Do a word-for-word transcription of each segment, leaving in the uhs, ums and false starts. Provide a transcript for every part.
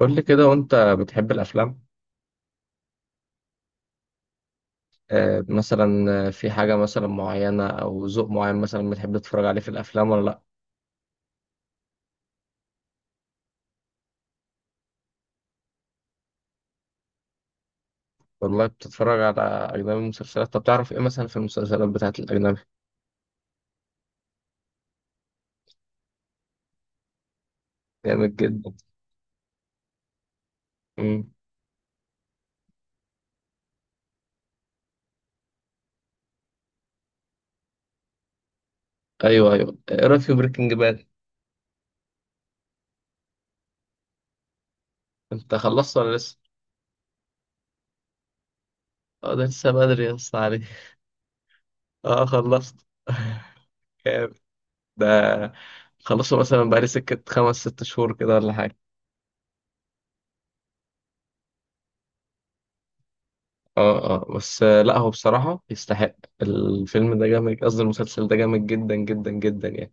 قول لي كده وانت بتحب الافلام؟ آه، مثلا؟ آه، في حاجه مثلا معينه او ذوق معين مثلا بتحب تتفرج عليه في الافلام ولا لا؟ والله بتتفرج على اجنبي مسلسلات؟ طب تعرف ايه مثلا في المسلسلات بتاعت الاجنبي؟ جامد جدا. امم. ايوه ايوه، ايه رايك في بريكنج باد؟ انت خلصت ولا لسه؟ اه، ده لسه بدري يا اسطى عليه. اه، خلصت. جامد. ده خلصه مثلا بقالي سكه خمس ست شهور كده ولا حاجه. اه اه، بس آه، لا، هو بصراحة يستحق. الفيلم ده جامد، قصدي المسلسل ده جامد جدا جدا جدا يعني.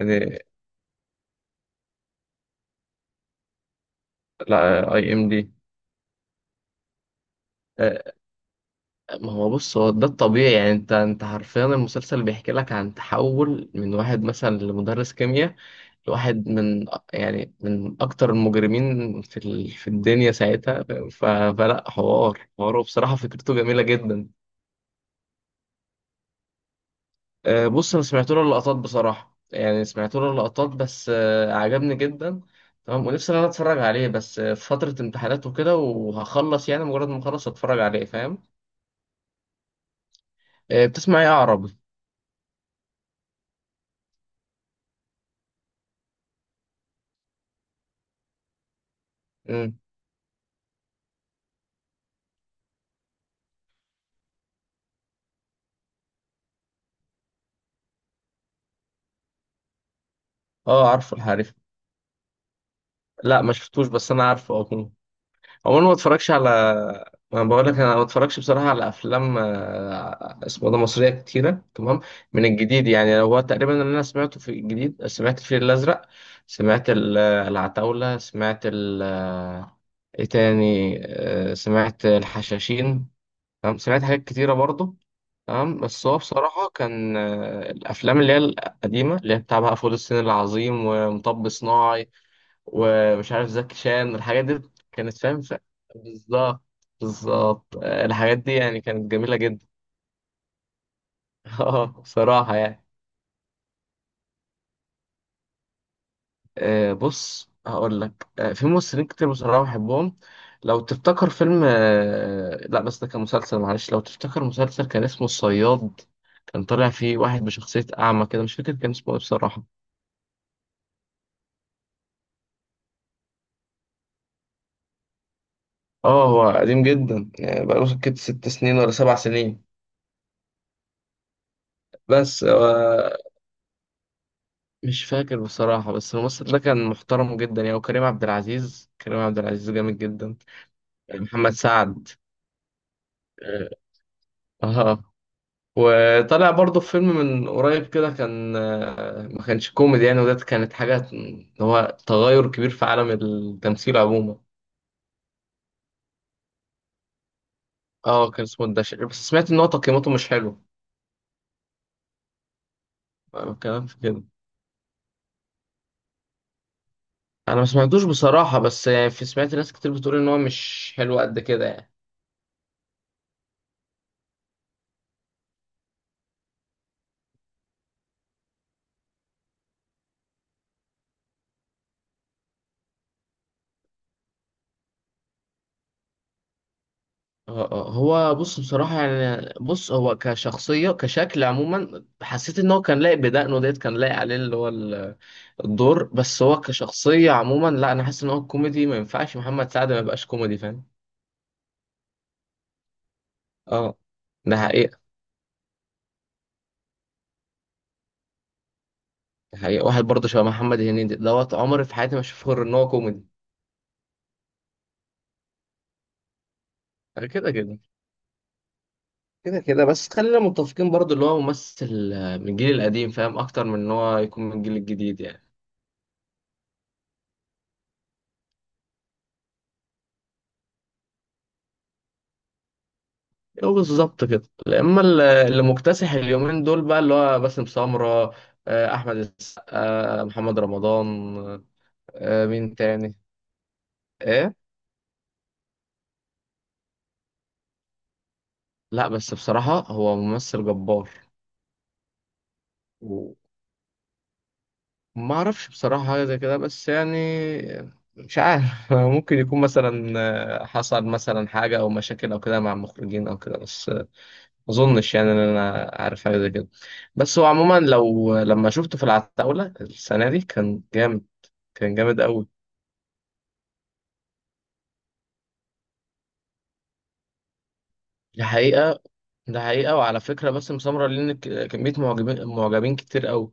يعني لا، اي ام دي. ما هو بص، هو ده الطبيعي يعني. انت انت حرفيا المسلسل بيحكي لك عن تحول من واحد مثلا لمدرس كيمياء، لواحد من يعني من اكتر المجرمين في ال... في الدنيا ساعتها. ف... فلا حوار، حواره بصراحة فكرته جميلة جدا. آه، بص انا سمعت له اللقطات بصراحه يعني، سمعت له اللقطات، بس آه، عجبني جدا تمام، ونفسي ان انا اتفرج عليه، بس آه، في فتره امتحانات وكده، وهخلص يعني، مجرد ما اخلص اتفرج عليه، فاهم. آه، بتسمع ايه عربي؟ امم. اه عارفه الحريف. لا ما شفتوش، بس انا عارفه اه. عموما ما اتفرجش على، ما بقول لك انا ما اتفرجش بصراحه على افلام آه، اسمه ده مصريه كتيره تمام. من الجديد يعني، هو تقريبا اللي انا سمعته في الجديد، سمعت الفيل الازرق، سمعت ال- آه، العتاوله، سمعت ال- آه، ايه تاني آه، سمعت الحشاشين، تمام سمعت حاجات كتيره برضه، تمام. بس هو بصراحه كان آه، الافلام اللي هي القديمه، اللي هي بتاع بقى فول الصين العظيم ومطب صناعي ومش عارف زكي شان، الحاجات دي كانت فاهم. ف- بالظبط، بالظبط آه، الحاجات دي يعني كانت جميلة جدا. اه بصراحة يعني. آه، بص هقول لك آه، في ممثلين كتير بصراحة بحبهم. لو تفتكر فيلم آه، لا بس ده كان مسلسل، معلش، لو تفتكر مسلسل كان اسمه الصياد، كان طالع فيه واحد بشخصية أعمى كده، مش فاكر كان اسمه إيه بصراحة. اه، هو قديم جدا يعني، بقاله سكت ست سنين ولا سبع سنين، بس آه، مش فاكر بصراحة، بس الممثل ده كان محترم جدا يعني، وكريم عبد العزيز، كريم عبد العزيز جامد جدا. محمد سعد. اه. آه. وطلع برضه في فيلم من قريب كده كان آه، ما كانش كوميدي يعني، وده كانت حاجة اللي هو تغير كبير في عالم التمثيل عموما. اه، كان اسمه الدشر، بس سمعت ان هو تقييماته مش حلو. آه، الكلام في كده. انا ما سمعتوش بصراحة، بس يعني في سمعت ناس كتير بتقول ان هو مش حلو قد كده يعني. آه، آه، هو بص بصراحة يعني. بص، هو كشخصية، كشكل عموما حسيت ان هو كان لايق بدقنه ديت، كان لايق عليه اللي هو ال- الدور. بس هو كشخصية عموما لا، انا حاسس ان هو كوميدي، ما ينفعش محمد سعد ما يبقاش كوميدي، فاهم. اه ده حقيقة. ده حقيقة. واحد برضه شبه محمد هنيدي دوت، عمري في حياتي ما اشوفه غير ان هو كوميدي. آه، كده كده. كده كده، بس خلينا متفقين برضه اللي هو ممثل آه، من الجيل القديم فاهم اكتر من ان هو يكون من الجيل الجديد يعني. هو بالظبط كده. اما ال- اللي مكتسح اليومين دول بقى اللي هو باسم سمرة، آه، احمد السقا، آه، محمد رمضان، آه، آه، مين تاني؟ ايه؟ لا بس بصراحة هو ممثل جبار. وما اعرفش بصراحة حاجة زي كده، بس يعني مش عارف. ممكن يكون مثلا آه، حصل مثلا حاجة او مشاكل او كده مع المخرجين او كده، بس آه، ما اظنش يعني ان انا عارف حاجة زي كده. بس هو عموما لو، لما شفته في العتاولة السنة دي كان جامد، كان جامد قوي. ده حقيقة. ده حقيقة. وعلى فكرة باسم سمرة ليه ك- كمية معجبين، معجبين كتير قوي.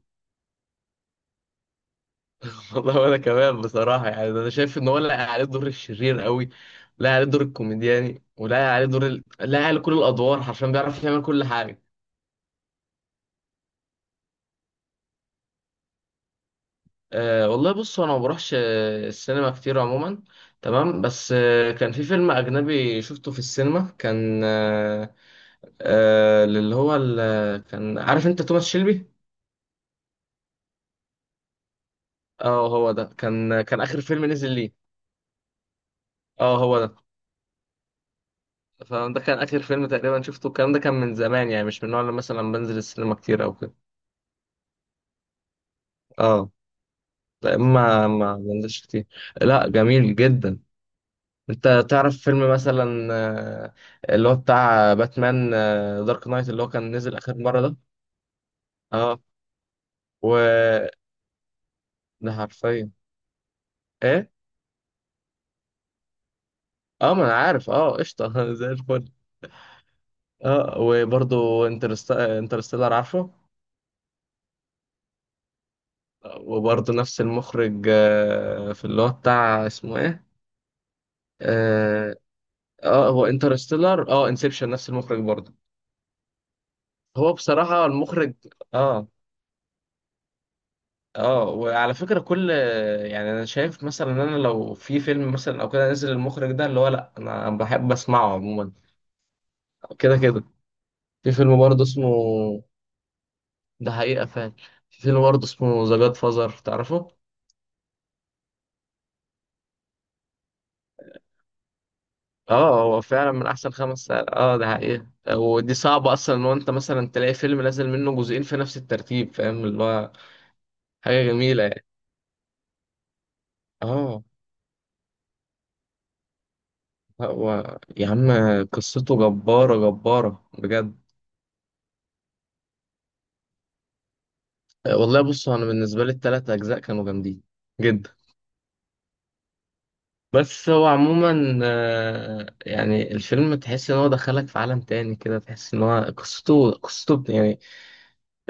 والله وأنا كمان بصراحة يعني. أنا شايف إن هو لاقي عليه دور الشرير قوي، لاقي عليه دور الكوميدياني، ولاقي عليه دور ال... لاقي عليه كل الأدوار، حرفيا بيعرف يعمل كل حاجة. أه والله، بص أنا ما بروحش آه، السينما كتير عموما، تمام. بس آه، كان في فيلم أجنبي شفته في السينما كان آه، آه، اللي هو ال- كان عارف أنت توماس شيلبي؟ اه هو ده، كان كان آخر فيلم نزل ليه. اه هو ده. فده كان آخر فيلم تقريبا شفته، الكلام ده كان من زمان يعني، مش من النوع اللي مثلا بنزل السينما كتير أو كده. اه، لا، ما ما بنزلش كتير. لا جميل جدا. انت تعرف فيلم مثلا آه، اللي هو بتاع باتمان، دارك نايت اللي هو كان نزل آخر مرة ده؟ اه، و ده حرفيا. ايه؟ اه ما انا عارف، اه، قشطة. زي الفل. اه، وبرضه انترست... انترستيلر عارفه. وبرضه نفس المخرج آه، في اللي هو بتاع اسمه ايه. آه، اه هو انترستيلر، اه انسبشن نفس المخرج برضه. هو بصراحة المخرج، اه، اه. وعلى فكرة كل، يعني انا شايف مثلا ان انا لو في فيلم مثلا او كده نزل المخرج ده، اللي هو لا انا بحب اسمعه عموما. كده كده. في فيلم برضه اسمه، ده حقيقة فعلا، في فيلم برضه اسمه ذا جاد فازر، تعرفه؟ اه هو فعلا من احسن خمس ساعات. اه ده حقيقة. ودي صعبة اصلا ان هو انت مثلا تلاقي فيلم نازل منه جزئين في نفس الترتيب، فاهم اللي هو. حاجة جميلة يعني. اه. هو يا عم قصته جبارة، جبارة بجد. أه والله، بص أنا بالنسبة لي التلات أجزاء كانوا جامدين جدا. بس هو عموما آه، يعني الفيلم تحس إن هو دخلك في عالم تاني كده، تحس إن هو قصته قصته بت- يعني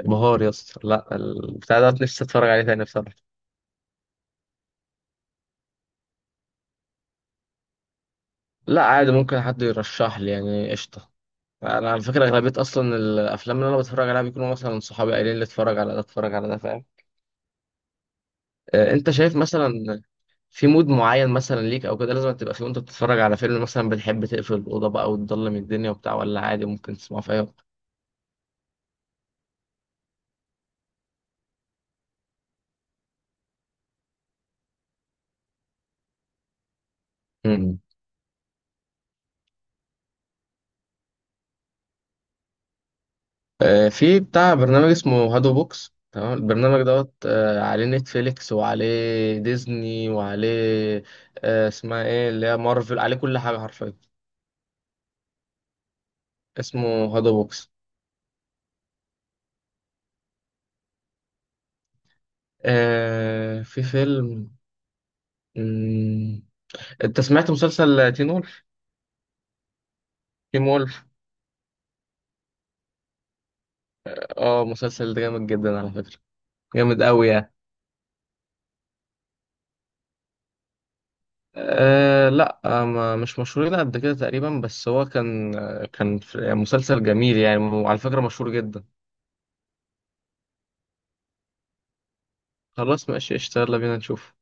بهار يا اسطى. لا، البتاع ده نفسي أتفرج عليه تاني بصراحة. لا عادي، ممكن حد يرشح لي، يعني قشطة. أنا على فكرة أغلبية أصلا الأفلام اللي أنا بتفرج عليها بيكونوا مثلا صحابي قايلين لي اتفرج على ده، اتفرج على ده، فاهم. آه، أنت شايف مثلا في مود معين مثلا ليك او كده لازم تبقى فيه وانت بتتفرج على فيلم مثلا؟ بتحب تقفل الاوضه بقى وتضلم الدنيا وبتاع، ولا عادي ممكن تسمعه في اي وقت؟ مم. آه، في بتاع برنامج اسمه هادو بوكس تمام، البرنامج دوت آه، عليه نتفليكس وعليه ديزني وعليه آه، اسمها ايه اللي هي مارفل، عليه كل حاجه حرفيا. اسمه هادو بوكس. آه، في فيلم. مم. انت سمعت مسلسل تين وولف؟ تين وولف. اه، مسلسل ده جامد جدا على فكره، جامد قوي يعني. أه لا، آه، ما مش مشهورين قد كده تقريبا، بس هو كان آه، كان في- يعني مسلسل جميل يعني، وعلى فكرة مشهور جدا. خلاص ماشي، اشتغل بينا نشوف.